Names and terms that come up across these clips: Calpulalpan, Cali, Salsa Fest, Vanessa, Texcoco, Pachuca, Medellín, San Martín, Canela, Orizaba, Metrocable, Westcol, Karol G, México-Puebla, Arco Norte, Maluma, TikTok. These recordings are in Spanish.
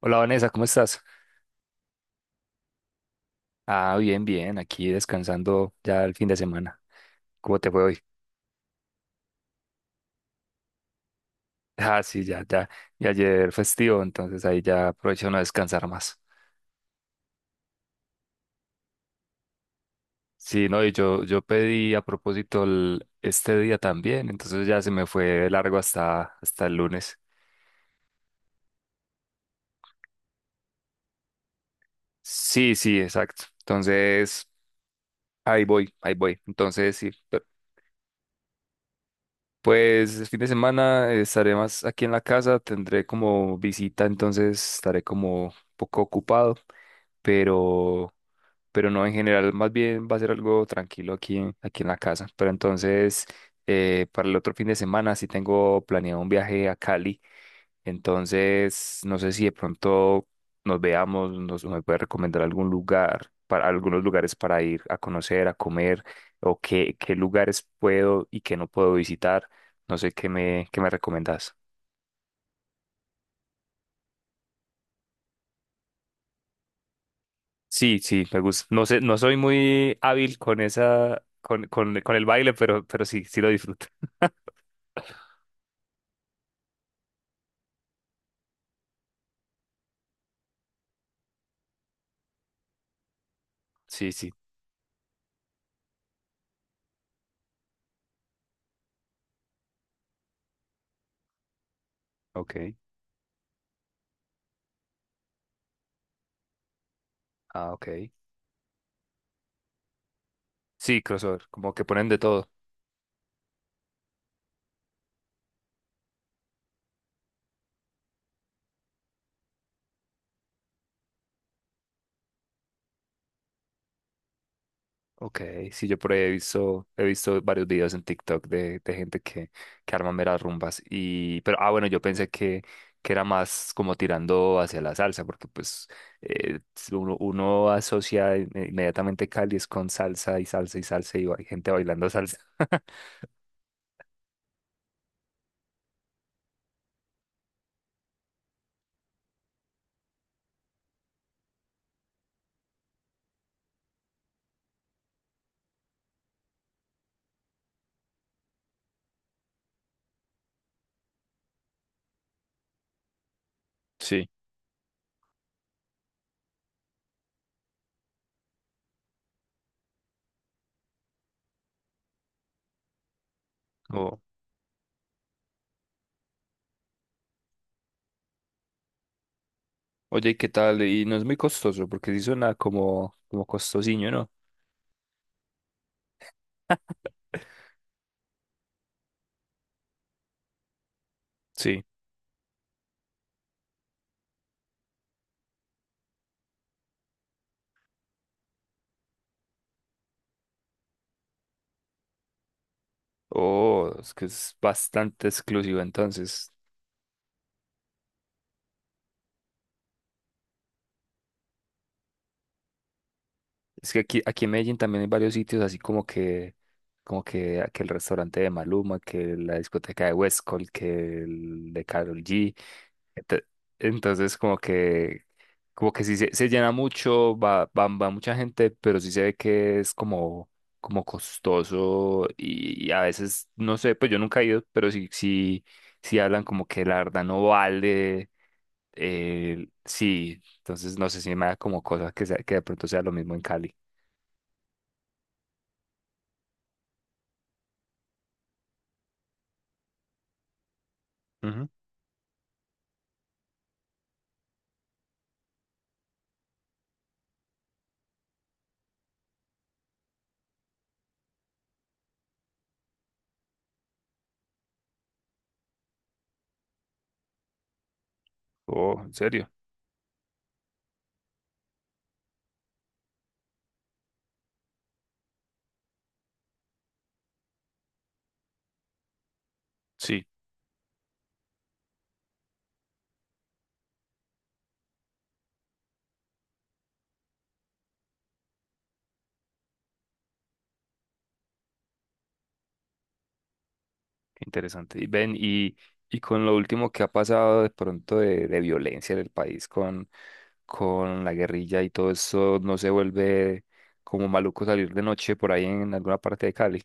Hola Vanessa, ¿cómo estás? Ah, bien, bien, aquí descansando ya el fin de semana. ¿Cómo te fue hoy? Ah, sí, ya, ya. Y ayer festivo, entonces ahí ya aprovecho no descansar más. Sí, no, y yo pedí a propósito este día también, entonces ya se me fue largo hasta el lunes. Sí, sí, exacto. Entonces, ahí voy, ahí voy. Entonces, sí, pues el fin de semana estaré más aquí en la casa, tendré como visita, entonces estaré como un poco ocupado. pero, pero no en general, más bien va a ser algo tranquilo aquí, aquí en la casa. Pero entonces, para el otro fin de semana sí tengo planeado un viaje a Cali, entonces no sé si de pronto nos veamos, me puede recomendar algún lugar, para algunos lugares para ir a conocer, a comer, o qué lugares puedo y qué no puedo visitar. No sé qué me recomendás. Sí, sí, me gusta. No sé, no soy muy hábil con esa, con el baile, pero sí, sí lo disfruto. Sí, sí, ok. Ah, ok. Sí, crossover, como que ponen de todo. Ok, sí, yo por ahí he visto varios videos en TikTok de gente que arma meras rumbas. Y, pero, ah, bueno, yo pensé que era más como tirando hacia la salsa, porque pues si uno asocia inmediatamente Cali es con salsa y salsa y salsa y gente bailando salsa. Sí. Oye, ¿qué tal? Y no es muy costoso, porque sí suena como costosinho, ¿no? Sí. Oh, es que es bastante exclusivo, entonces. Es que aquí en Medellín también hay varios sitios así que el restaurante de Maluma, que la discoteca de Westcol, que el de Karol G. Ente- Entonces, como que sí se llena mucho, va mucha gente, pero sí se ve que es como costoso y a veces, no sé, pues yo nunca he ido, pero sí hablan como que la verdad no vale, sí, entonces no sé si me da como cosa que de pronto sea lo mismo en Cali. Ujú. Oh, ¿en serio? Sí, qué interesante. Y ven, y con lo último que ha pasado de pronto de violencia en el país con, la guerrilla y todo eso, ¿no se vuelve como maluco salir de noche por ahí en alguna parte de Cali?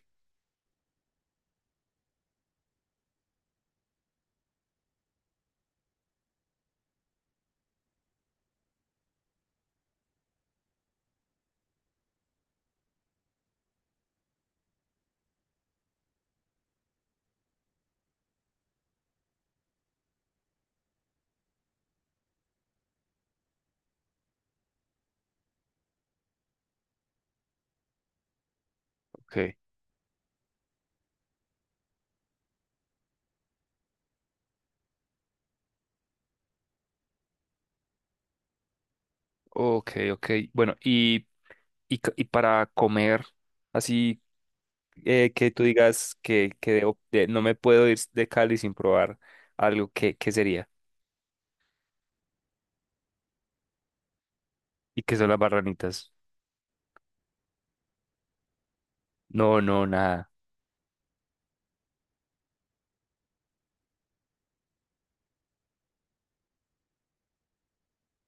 Ok, ok, ok. Bueno, y para comer, así que tú digas que no me puedo ir de Cali sin probar algo, ¿qué sería? ¿Y qué son las barranitas? No, no, nada.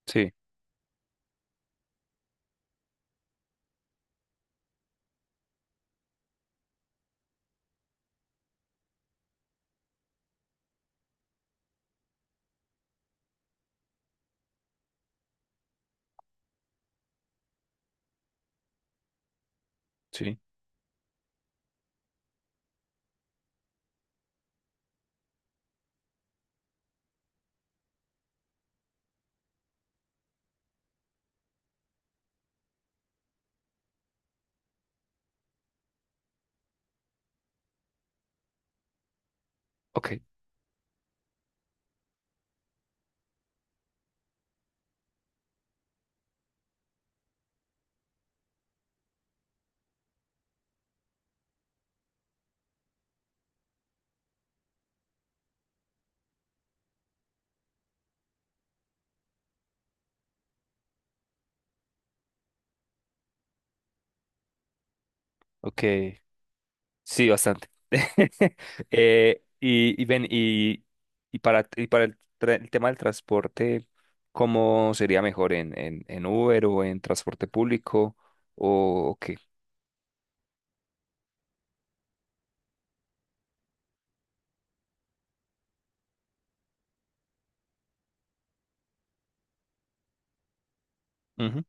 Sí, sí. Ok, ok. Sí, bastante. Y ven, y para, el tema del transporte, ¿cómo sería mejor en, en Uber o en transporte público o qué? Ujú.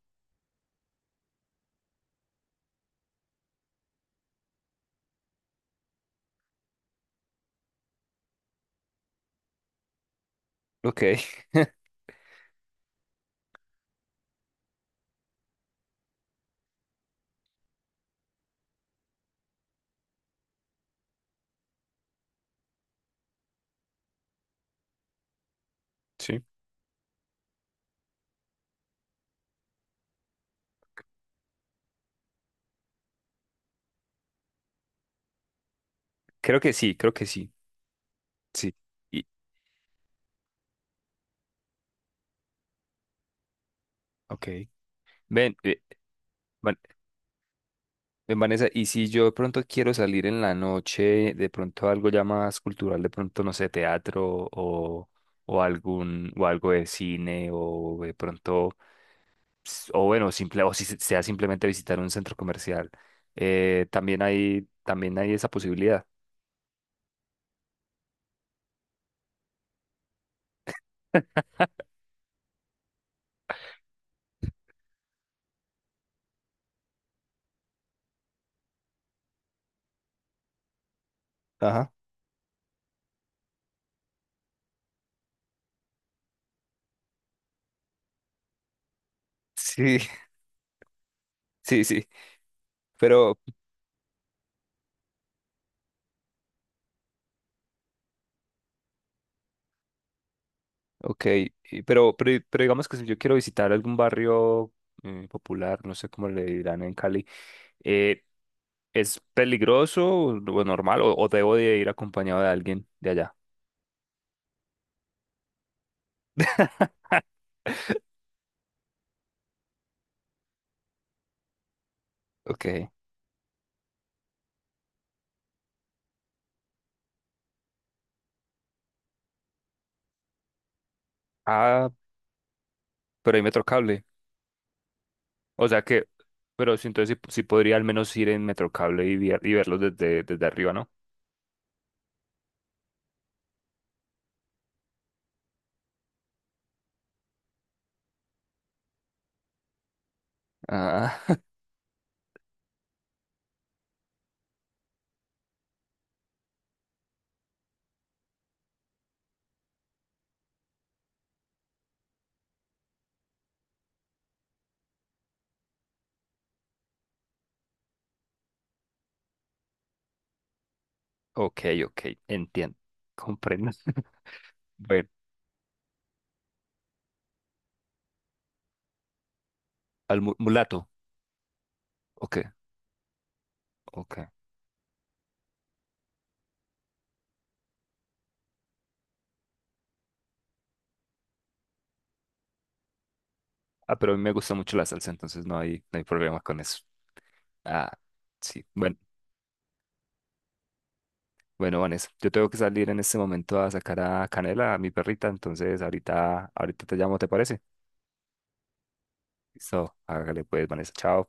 Ok. Sí. Creo que sí, creo que sí. Sí. Y, ok. Ven, eh, Van- ven, Vanessa, y si yo de pronto quiero salir en la noche, de pronto algo ya más cultural, de pronto, no sé, teatro o algún, o algo de cine o de pronto. O bueno, simple, o si sea simplemente visitar un centro comercial. También hay esa posibilidad. Ajá. Sí, sí, sí. Pero, ok. Pero digamos que si yo quiero visitar algún barrio popular, no sé cómo le dirán en Cali, eh, ¿es peligroso o normal o debo de ir acompañado de alguien de allá? Ok. Ah, pero hay metro cable. O sea que, pero sí, entonces sí podría al menos ir en Metrocable y verlos desde arriba, ¿no? Ah, ok, ok, entiendo, comprendo. Bueno, al mulato, ok, ok. Ah, pero a mí me gusta mucho la salsa, entonces no hay problema con eso. Ah, sí, bueno, bueno, Vanessa, yo tengo que salir en este momento a sacar a Canela, a mi perrita, entonces ahorita, ahorita te llamo, ¿te parece? Listo, hágale pues, Vanessa, chao.